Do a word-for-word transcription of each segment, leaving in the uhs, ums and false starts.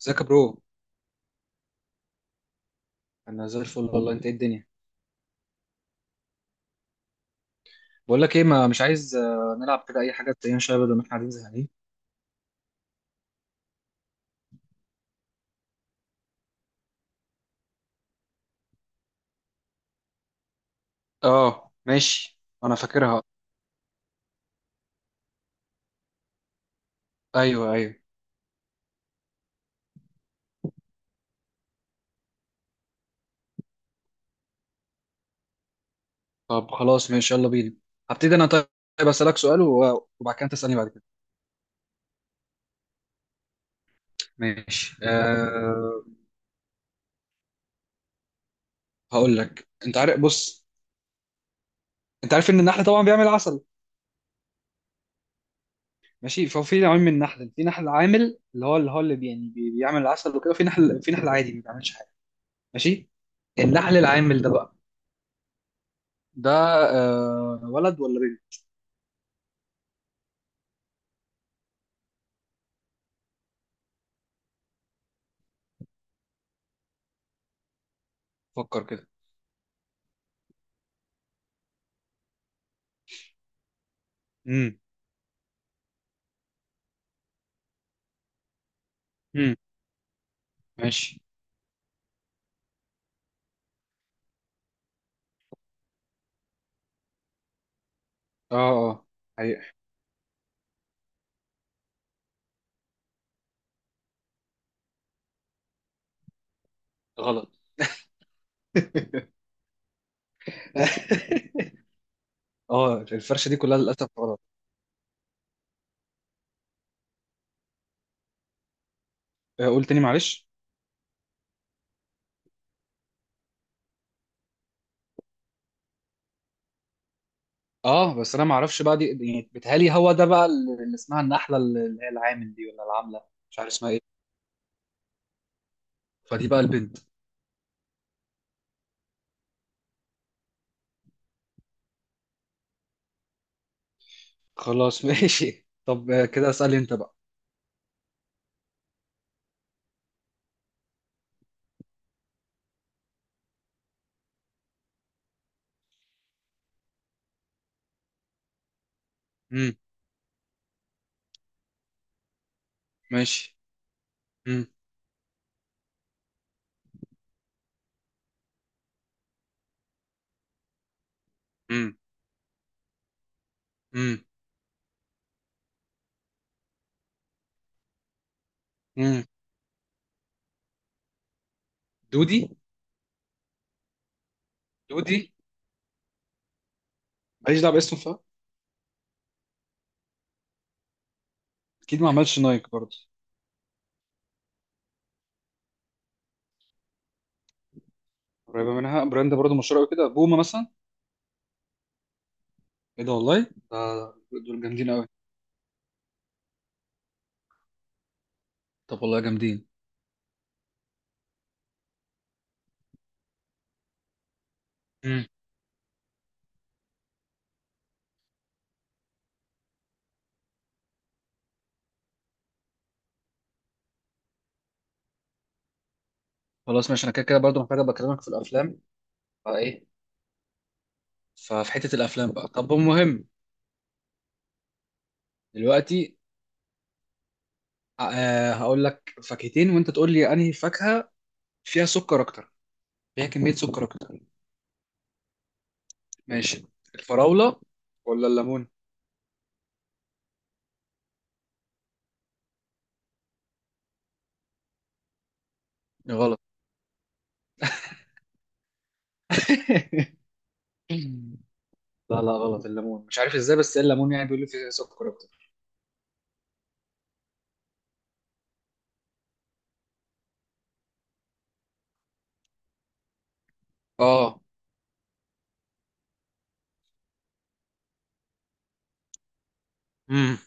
ازيك يا برو؟ انا زي الفل والله، انت ايه الدنيا؟ بقول لك ايه، ما مش عايز آه، نلعب كده اي حاجه، تلاقينا شويه بدل ما احنا قاعدين زهقانين. اه ماشي، انا فاكرها. ايوه ايوه. طب خلاص ماشي، يلا بينا. هبتدي انا طيب. اسالك سؤال و- وبعد كده تسالني بعد كده. ماشي أه. هقول لك، انت عارف؟ بص. انت عارف ان النحل طبعا بيعمل عسل؟ ماشي، فهو في نوعين من النحل، في نحل عامل اللي هو اللي هو اللي بي- يعني بي- بيعمل العسل وكده، وفي نحل في نحل عادي ما بيعملش حاجه. ماشي. النحل العامل ده بقى، ده أه ولد ولا بنت؟ فكر كده. امم. امم. ماشي. اه اه، حقيقة. غلط. اه الفرشة دي كلها للأسف غلط. آه، قول تاني معلش. اه بس انا ما اعرفش بقى دي، يعني بيتهيألي هو ده بقى اللي اسمها النحلة، اللي هي العامل دي ولا العاملة. مش عارف اسمها ايه. فدي بقى البنت. خلاص ماشي، طب آه، كده اسألني انت بقى. امم. ماشي. امم امم امم امم. دودي. دودي. ماليش دعوة باسم فا اكيد ما عملش نايك برضه. قريبة منها براند برضه مشهورة قوي كده، بوما مثلا. ايه ده والله؟ آه دول جامدين قوي. طب والله جامدين. امم. خلاص ماشي، انا كده كده برضه محتاج ابقى اكلمك في الافلام، فايه. ففي حته الافلام بقى، طب المهم. دلوقتي. آه هقول لك فاكهتين وانت تقول لي انهي فاكهه فيها سكر اكتر، فيها كميه سكر اكتر. ماشي. الفراوله ولا الليمون؟ غلط. لا لا، غلط الليمون، مش عارف ازاي، بس الليمون يعني بيقول لي فيه سكر اكتر. اه، امم،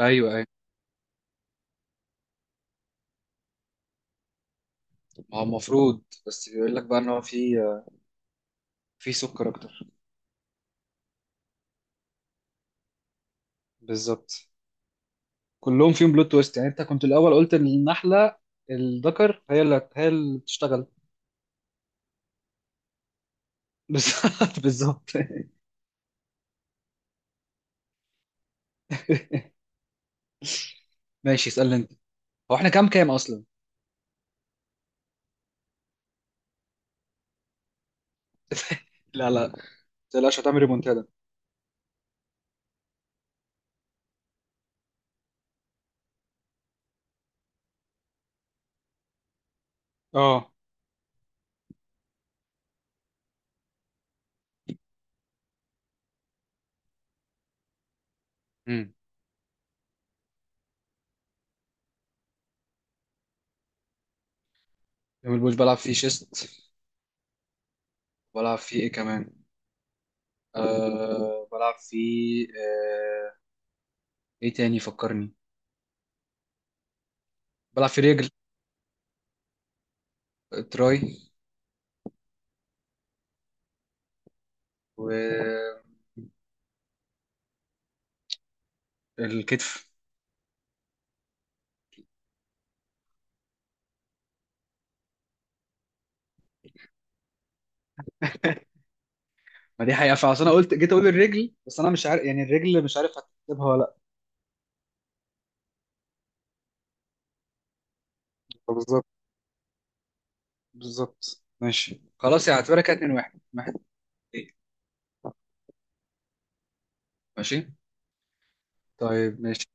ايوه ايوه. ما هو المفروض، بس بيقول لك بقى ان هو فيه آه، فيه سكر اكتر. بالظبط. كلهم فيهم بلوت تويست، يعني انت كنت الاول قلت ان النحله الذكر هي اللي هي اللي بتشتغل. بالظبط بالظبط. ماشي، اسالني انت. هو احنا كام كام اصلا؟ لا لا، ما تقلقش، هتعمل ريمونتادا. اه، امم. يوم البوش بلعب فيه شيست، بلعب فيه ايه كمان؟ آه بلعب فيه آه ايه تاني فكرني؟ بلعب فيه رجل، تراي، والكتف. ما دي حقيقة، فعشان انا قلت جيت اقول الرجل، بس انا مش عارف، يعني الرجل مش عارف هتكتبها ولا. بالظبط بالظبط. ماشي خلاص، يعني اعتبرها كده اتنين واحد واحد اتنين. ماشي طيب ماشي.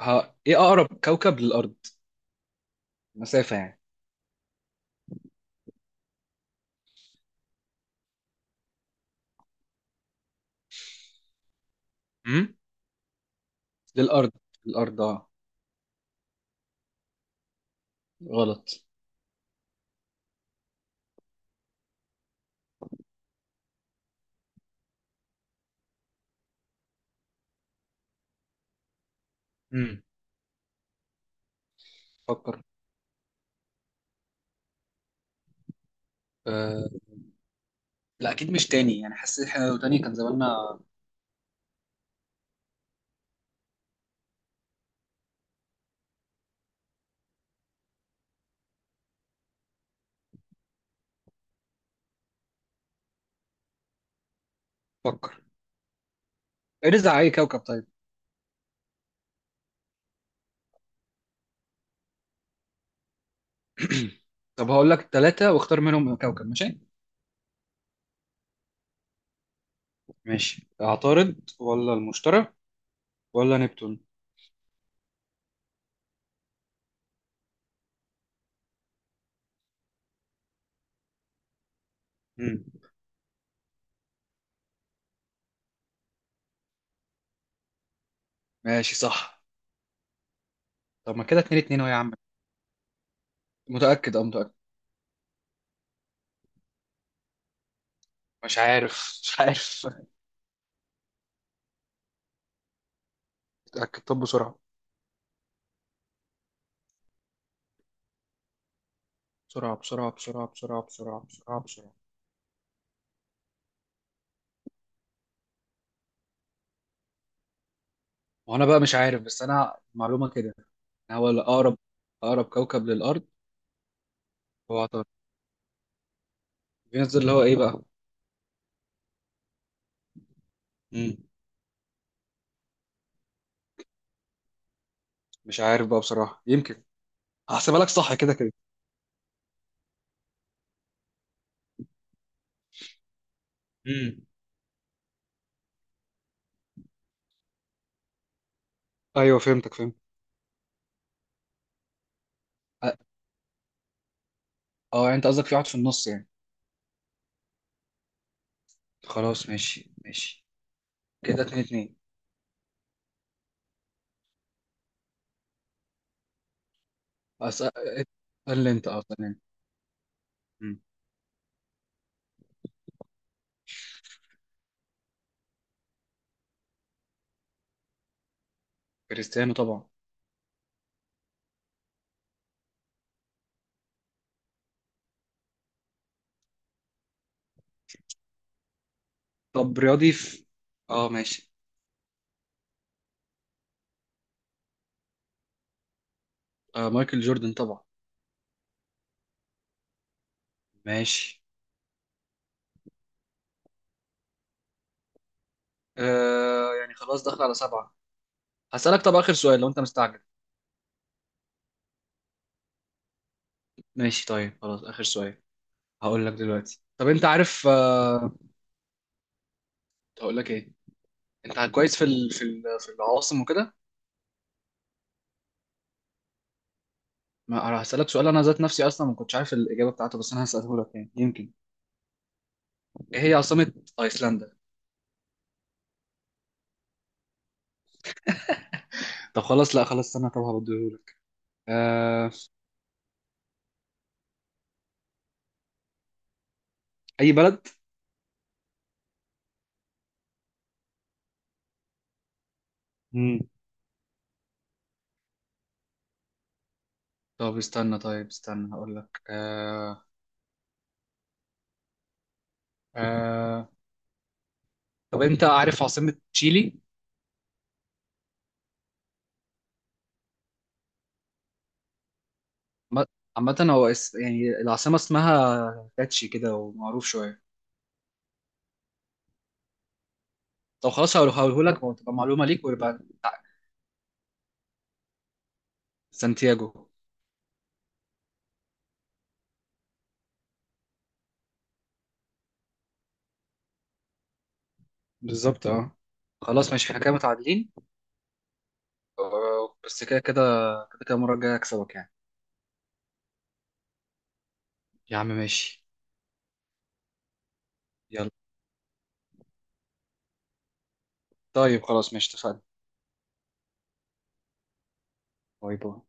ها، ايه اقرب كوكب للارض؟ مسافة يعني. امم. للارض. الارض اه. غلط. امم، فكر. آه. لا اكيد مش تاني، يعني حسيت احنا لو تاني كان زماننا. فكر. ارز على اي كوكب طيب؟ طب هقول لك ثلاثة واختار منهم كوكب، ماشي؟ ماشي، عطارد ولا المشتري ولا نبتون؟ امم. ماشي صح. طب ما كده اتنين اتنين اهو يا عم. متأكد؟ اه متأكد. مش عارف مش عارف. اتاكد، طب بسرعه، بسرعه بسرعه بسرعه بسرعه بسرعه بسرعه بسرعه. وانا بقى مش عارف، بس انا معلومه كده إن هو الاقرب، اقرب كوكب للارض هو عطارد. فينوس اللي هو ايه بقى؟ مم. مش عارف بقى بصراحه، يمكن. هحسبها لك صح كده كده. امم، ايوه، فهمتك فهمت. اه. آه، يعني انت قصدك في واحد في النص يعني. خلاص ماشي ماشي. كده اتنين اتنين. أس... قال لي انت، اه، تمام. مم. كريستيانو طبعا. طب رياضي في، اه ماشي. آه مايكل جوردن طبعا. ماشي، آه يعني خلاص داخل على سبعة. هسألك، طب آخر سؤال لو أنت مستعجل. ماشي طيب خلاص آخر سؤال. هقول لك دلوقتي، طب أنت عارف، آه هقول لك إيه. أنت كويس في ال... في ال... في العواصم وكده. ما هسألك سؤال، أنا ذات نفسي أصلا ما كنتش عارف الإجابة بتاعته، بس أنا هسأله لك يعني، يمكن. إيه هي عاصمة أيسلندا؟ طب خلاص، لا خلاص استنى، طب هبديه لك. آه أي بلد. مم. طب استنى، طيب استنى، هقول لك. آه آه طب أنت عارف عاصمة تشيلي؟ عم- عامة هو اس... يعني العاصمة اسمها كاتشي كده ومعروف شوية. طب خلاص، هقولهولك وتبقى معلومة ليك ويبقى. سانتياغو. بالظبط اه. خلاص ماشي، احنا كده متعادلين. آه، بس كده كده، كده كده المرة الجاية أكسبك يعني. يا عم ماشي. يلا. طيب خلاص ماشي، اتفقنا. باي باي.